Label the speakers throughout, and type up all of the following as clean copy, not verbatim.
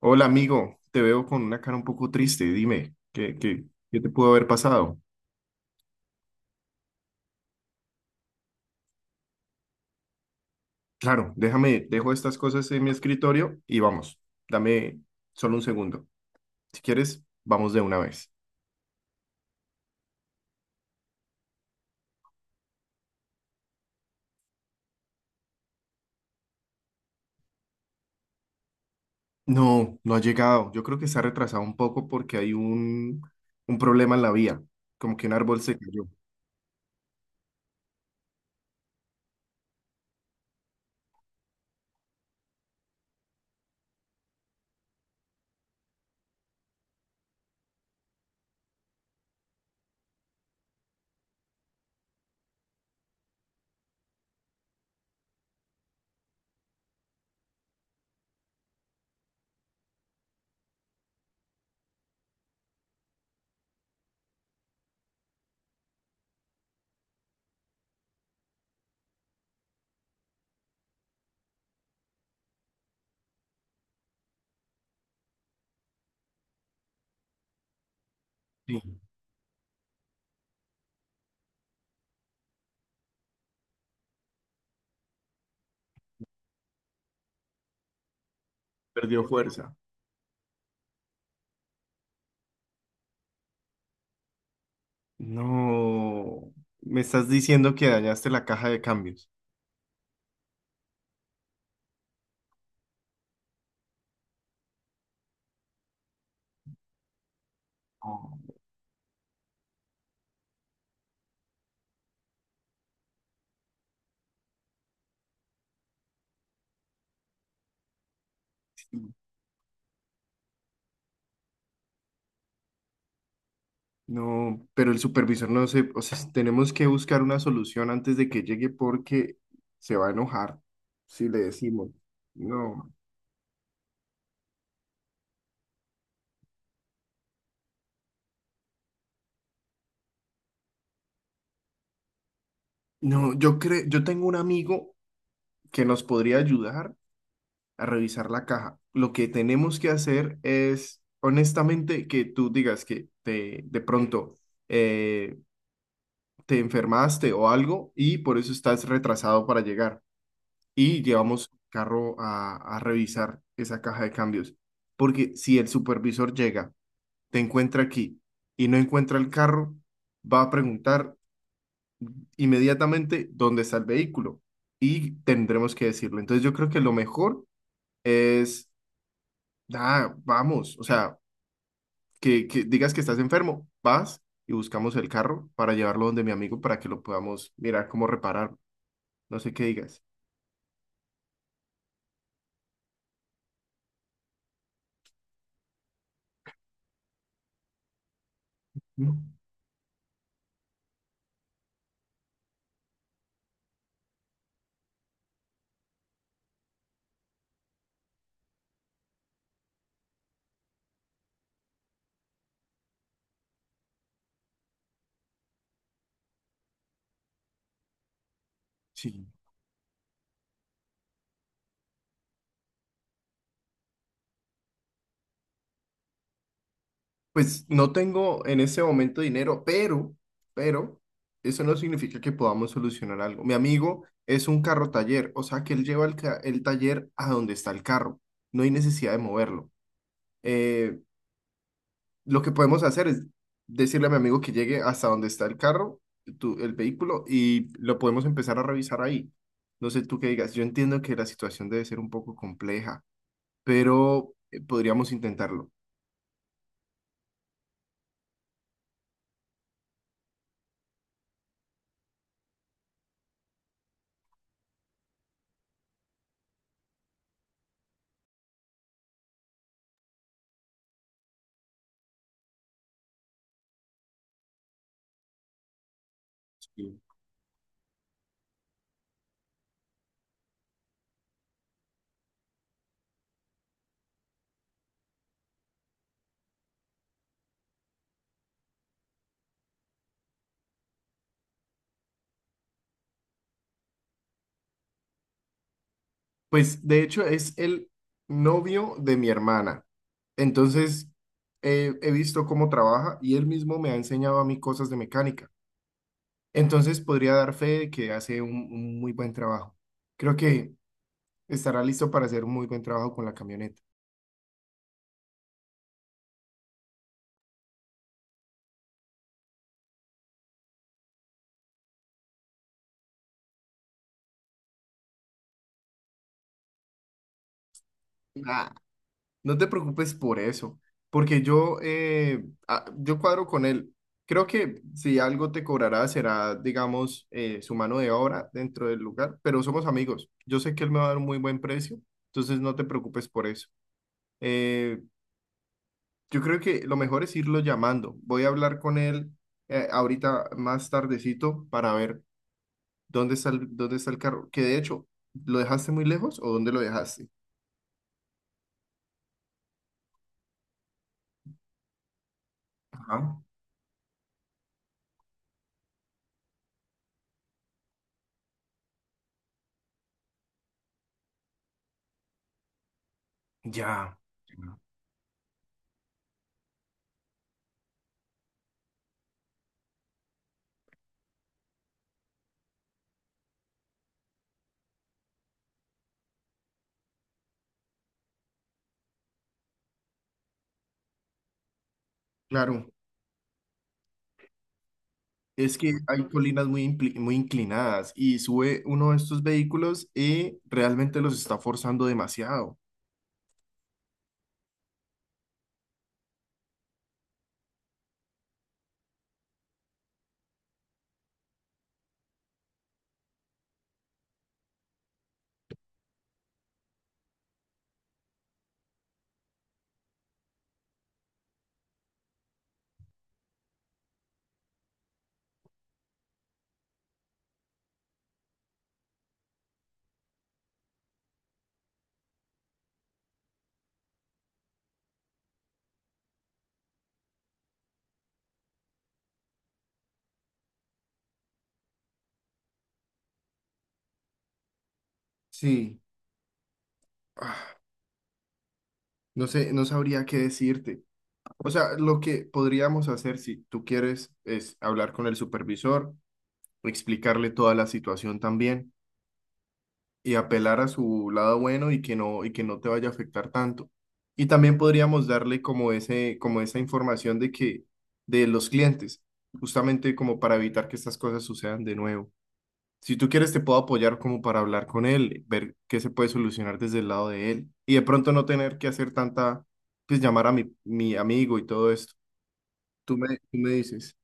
Speaker 1: Hola amigo, te veo con una cara un poco triste. Dime, qué te pudo haber pasado? Claro, déjame, dejo estas cosas en mi escritorio y vamos. Dame solo un segundo. Si quieres, vamos de una vez. No, no ha llegado. Yo creo que se ha retrasado un poco porque hay un problema en la vía. Como que un árbol se cayó. Sí, perdió fuerza. No, me estás diciendo que dañaste la caja de cambios. Oh. No, pero el supervisor no se, o sea, tenemos que buscar una solución antes de que llegue porque se va a enojar si le decimos. No, no, yo creo, yo tengo un amigo que nos podría ayudar a revisar la caja. Lo que tenemos que hacer es, honestamente, que tú digas que te, de pronto eh, te enfermaste o algo y por eso estás retrasado para llegar. Y llevamos el carro a revisar esa caja de cambios. Porque si el supervisor llega, te encuentra aquí y no encuentra el carro, va a preguntar inmediatamente dónde está el vehículo y tendremos que decirlo. Entonces yo creo que lo mejor es, ah, vamos, o sea, que digas que estás enfermo, vas y buscamos el carro para llevarlo donde mi amigo para que lo podamos mirar cómo reparar. No sé qué digas. Mm. Sí. Pues no tengo en ese momento dinero, pero, eso no significa que podamos solucionar algo. Mi amigo es un carro taller, o sea que él lleva el, ca- el taller a donde está el carro. No hay necesidad de moverlo. Eh, lo que podemos hacer es decirle a mi amigo que llegue hasta donde está el carro, tu- el vehículo, y lo podemos empezar a revisar ahí. No sé tú qué digas. Yo entiendo que la situación debe ser un poco compleja, pero podríamos intentarlo. Pues de hecho es el novio de mi hermana. Entonces he visto cómo trabaja y él mismo me ha enseñado a mí cosas de mecánica. Entonces podría dar fe de que hace un muy buen trabajo. Creo que estará listo para hacer un muy buen trabajo con la camioneta. No te preocupes por eso, porque yo, yo cuadro con él. Creo que si algo te cobrará será, digamos, su mano de obra dentro del lugar, pero somos amigos. Yo sé que él me va a dar un muy buen precio, entonces no te preocupes por eso. Eh, yo creo que lo mejor es irlo llamando. Voy a hablar con él ahorita más tardecito para ver dónde está el carro. Que de hecho, ¿lo dejaste muy lejos o dónde lo dejaste? Ajá. Ya. Claro, es que hay colinas muy inclinadas y sube uno de estos vehículos y realmente los está forzando demasiado. Sí. Ah, no sé, no sabría qué decirte. O sea, lo que podríamos hacer si tú quieres es hablar con el supervisor, explicarle toda la situación también y apelar a su lado bueno y que no te vaya a afectar tanto. Y también podríamos darle como ese como esa información de que de los clientes, justamente como para evitar que estas cosas sucedan de nuevo. Si tú quieres, te puedo apoyar como para hablar con él, ver qué se puede solucionar desde el lado de él y de pronto no tener que hacer tanta, pues llamar a mi amigo y todo esto. Tú me dices.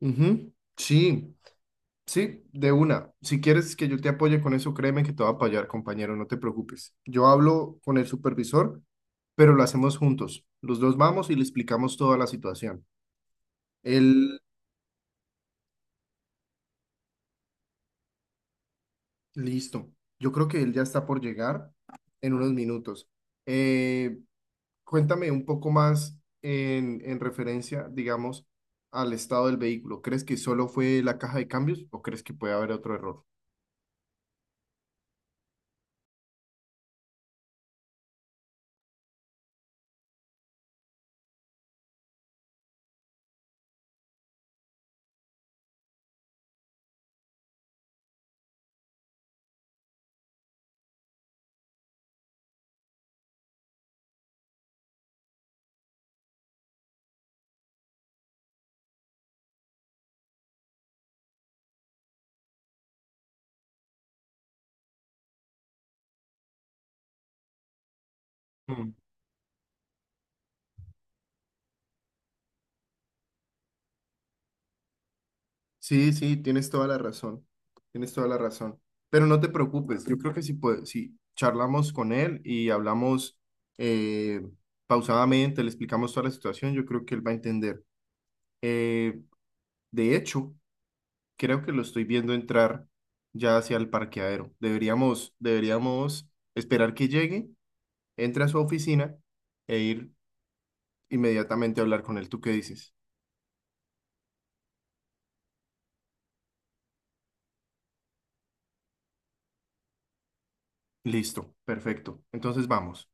Speaker 1: Ujú, sí, sí, de una. Si quieres que yo te apoye con eso, créeme que te voy a apoyar, compañero, no te preocupes. Yo hablo con el supervisor, pero lo hacemos juntos. Los dos vamos y le explicamos toda la situación. Él, listo. Yo creo que él ya está por llegar en unos minutos. Eh, Cuéntame un poco más en referencia, digamos, al estado del vehículo. ¿Crees que solo fue la caja de cambios o crees que puede haber otro error? Mm. Sí, sí, tienes toda la razón. Tienes toda la razón. Pero no te preocupes, yo creo que si, puede- si charlamos con él y hablamos eh, pausadamente, le explicamos toda la situación, yo creo que él va a entender. Eh, de hecho, creo que lo estoy viendo entrar ya hacia el parqueadero. Deberíamos esperar que llegue entre a su oficina e ir inmediatamente a hablar con él. ¿Tú qué dices? Listo, perfecto. Entonces vamos.